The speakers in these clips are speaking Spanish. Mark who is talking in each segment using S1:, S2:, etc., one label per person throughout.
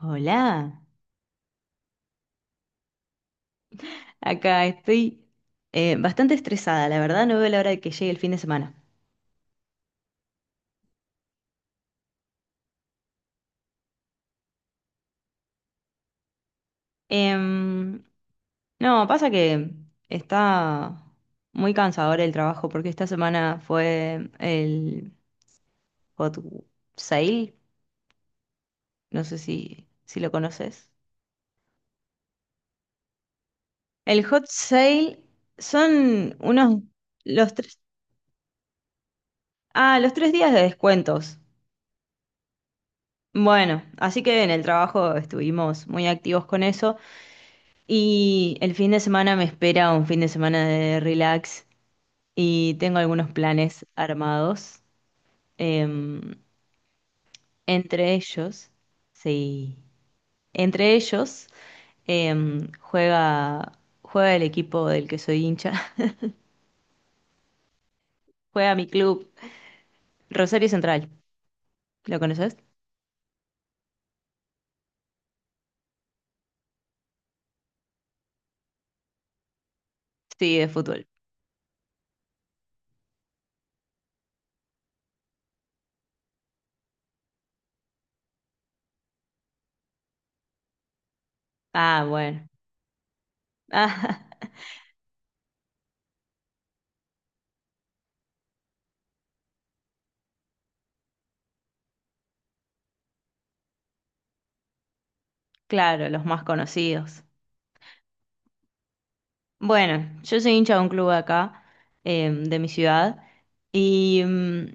S1: Hola, acá estoy bastante estresada, la verdad no veo la hora de que llegue el fin de semana. Em, no, pasa que está muy cansador el trabajo porque esta semana fue el Hot Sale, no sé si lo conoces. El Hot Sale son unos, los tres, los tres días de descuentos. Bueno, así que en el trabajo estuvimos muy activos con eso. Y el fin de semana me espera un fin de semana de relax y tengo algunos planes armados. Em, Entre ellos, sí, entre ellos em, juega, juega el equipo del que soy hincha, juega mi club, Rosario Central. ¿Lo conoces? Sí, de fútbol. Ah, bueno. Ah, claro, los más conocidos. Bueno, yo soy hincha de un club acá, de mi ciudad, y,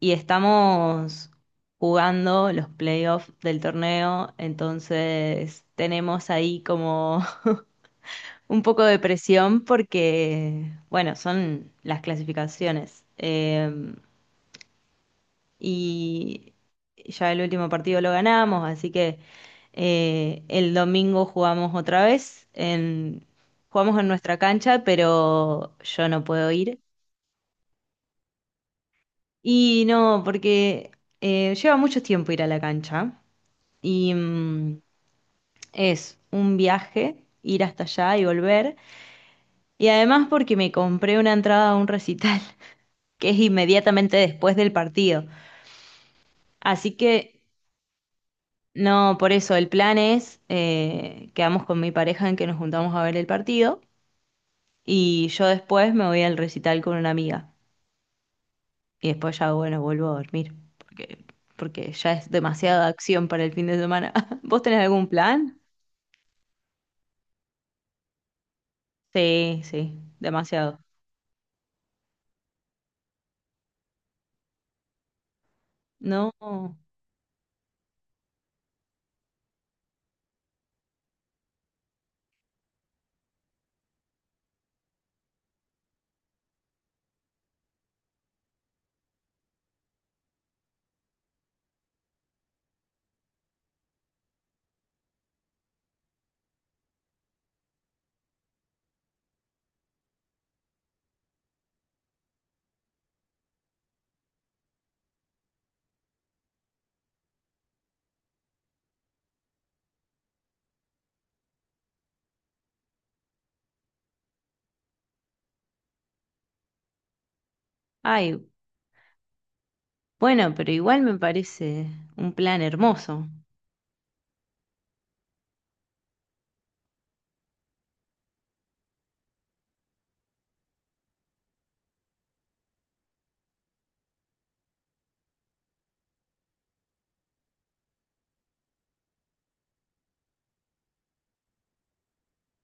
S1: y estamos jugando los playoffs del torneo, entonces tenemos ahí como un poco de presión porque, bueno, son las clasificaciones. Y ya el último partido lo ganamos, así que el domingo jugamos otra jugamos en nuestra cancha, pero yo no puedo ir. Y no, porque lleva mucho tiempo ir a la cancha y es un viaje ir hasta allá y volver. Y además porque me compré una entrada a un recital que es inmediatamente después del partido. Así que no, por eso el plan es, quedamos con mi pareja en que nos juntamos a ver el partido y yo después me voy al recital con una amiga y después ya, bueno, vuelvo a dormir porque ya es demasiada acción para el fin de semana. ¿Vos tenés algún plan? Sí, sí, demasiado. No, ay, bueno, pero igual me parece un plan hermoso,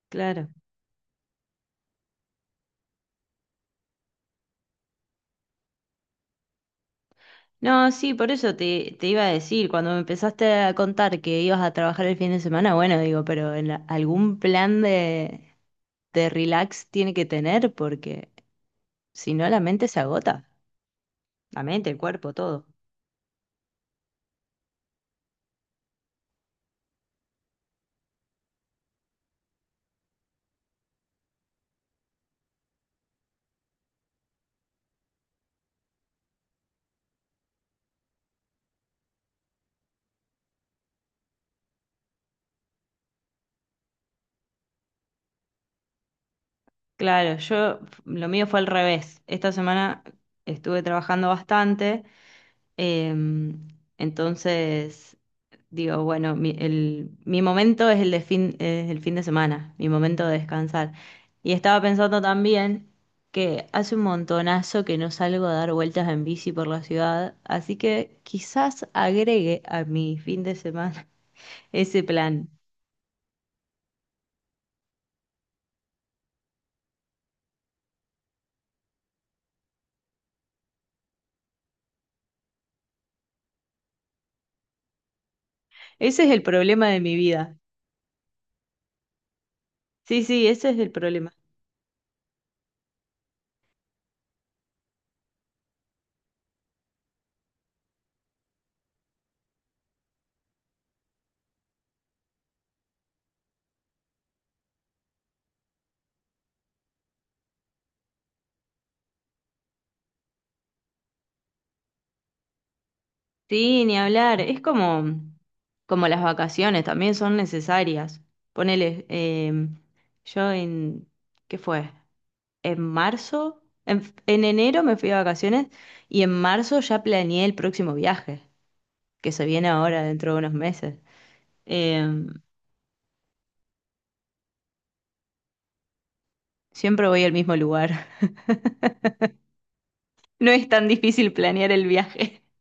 S1: claro. No, sí, por eso te iba a decir, cuando me empezaste a contar que ibas a trabajar el fin de semana, bueno, digo, pero en algún plan de relax tiene que tener porque si no la mente se agota, la mente, el cuerpo, todo. Claro, yo lo mío fue al revés. Esta semana estuve trabajando bastante. Em, entonces, digo, bueno, mi, mi momento es el de fin, es el fin de semana, mi momento de descansar. Y estaba pensando también que hace un montonazo que no salgo a dar vueltas en bici por la ciudad, así que quizás agregue a mi fin de semana ese plan. Ese es el problema de mi vida. Sí, sí, ese es el problema. Sí, ni hablar. Es como, como las vacaciones, también son necesarias. Ponele, yo en, ¿qué fue? En enero me fui de vacaciones y en marzo ya planeé el próximo viaje, que se viene ahora dentro de unos meses. Eh, Siempre voy al mismo lugar. No es tan difícil planear el viaje.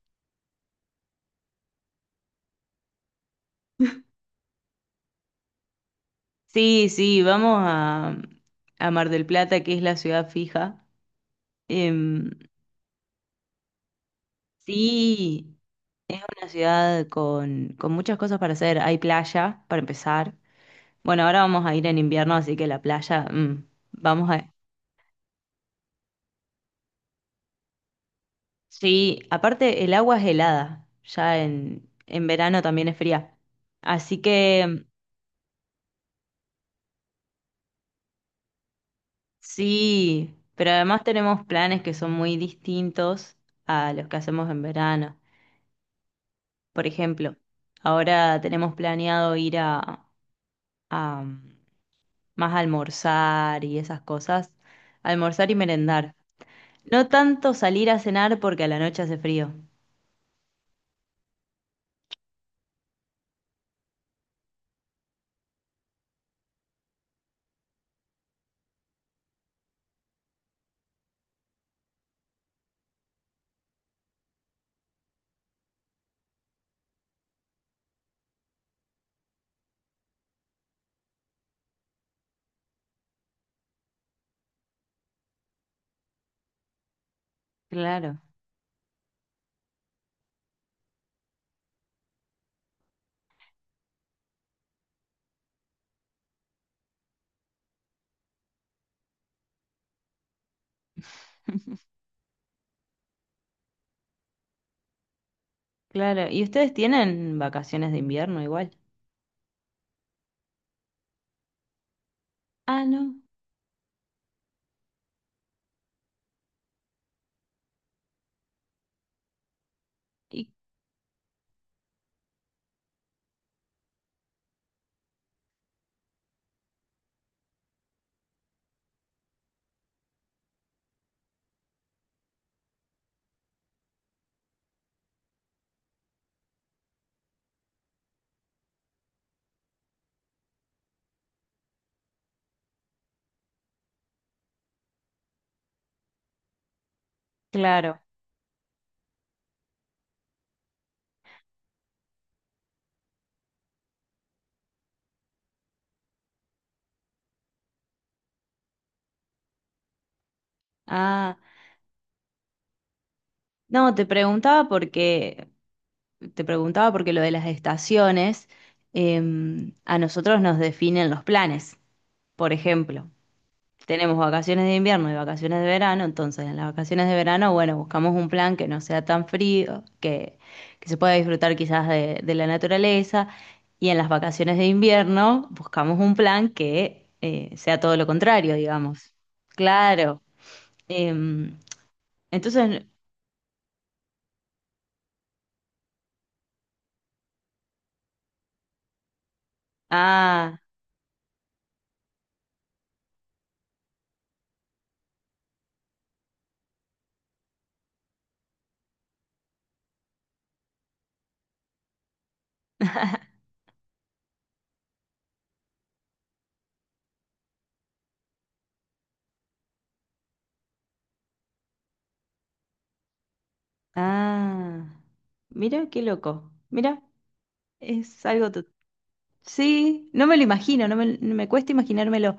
S1: Sí, sí, a Mar del Plata, que es la ciudad fija. Em, sí, es una ciudad con muchas cosas para hacer. Hay playa, para empezar. Bueno, ahora vamos a ir en invierno, así que la playa, vamos a... Sí, aparte el agua es helada, ya en verano también es fría. Así que sí, pero además tenemos planes que son muy distintos a los que hacemos en verano. Por ejemplo, ahora tenemos planeado ir a, mm, más a almorzar y esas cosas, almorzar y merendar. No tanto salir a cenar porque a la noche hace frío. Claro, claro. ¿Y ustedes tienen vacaciones de invierno igual? Ah, no. Y claro. Ah, no, te preguntaba porque lo de las estaciones a nosotros nos definen los planes. Por ejemplo, tenemos vacaciones de invierno y vacaciones de verano, entonces en las vacaciones de verano, bueno, buscamos un plan que no sea tan frío, que se pueda disfrutar quizás de la naturaleza, y en las vacaciones de invierno buscamos un plan que sea todo lo contrario, digamos. Claro. em, entonces, ah, ah, Mira qué loco, mira, es algo... Sí, no me lo imagino, no me, me cuesta imaginármelo.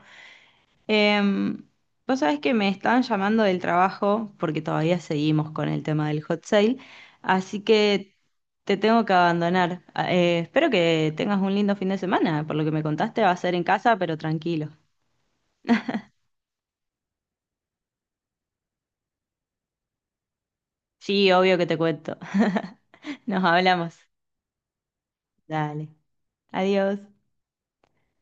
S1: Em, Vos sabés que me estaban llamando del trabajo porque todavía seguimos con el tema del hot sale, así que te tengo que abandonar. Ah, espero que tengas un lindo fin de semana. Por lo que me contaste, va a ser en casa, pero tranquilo. Sí, obvio que te cuento. Nos hablamos. Dale. Adiós.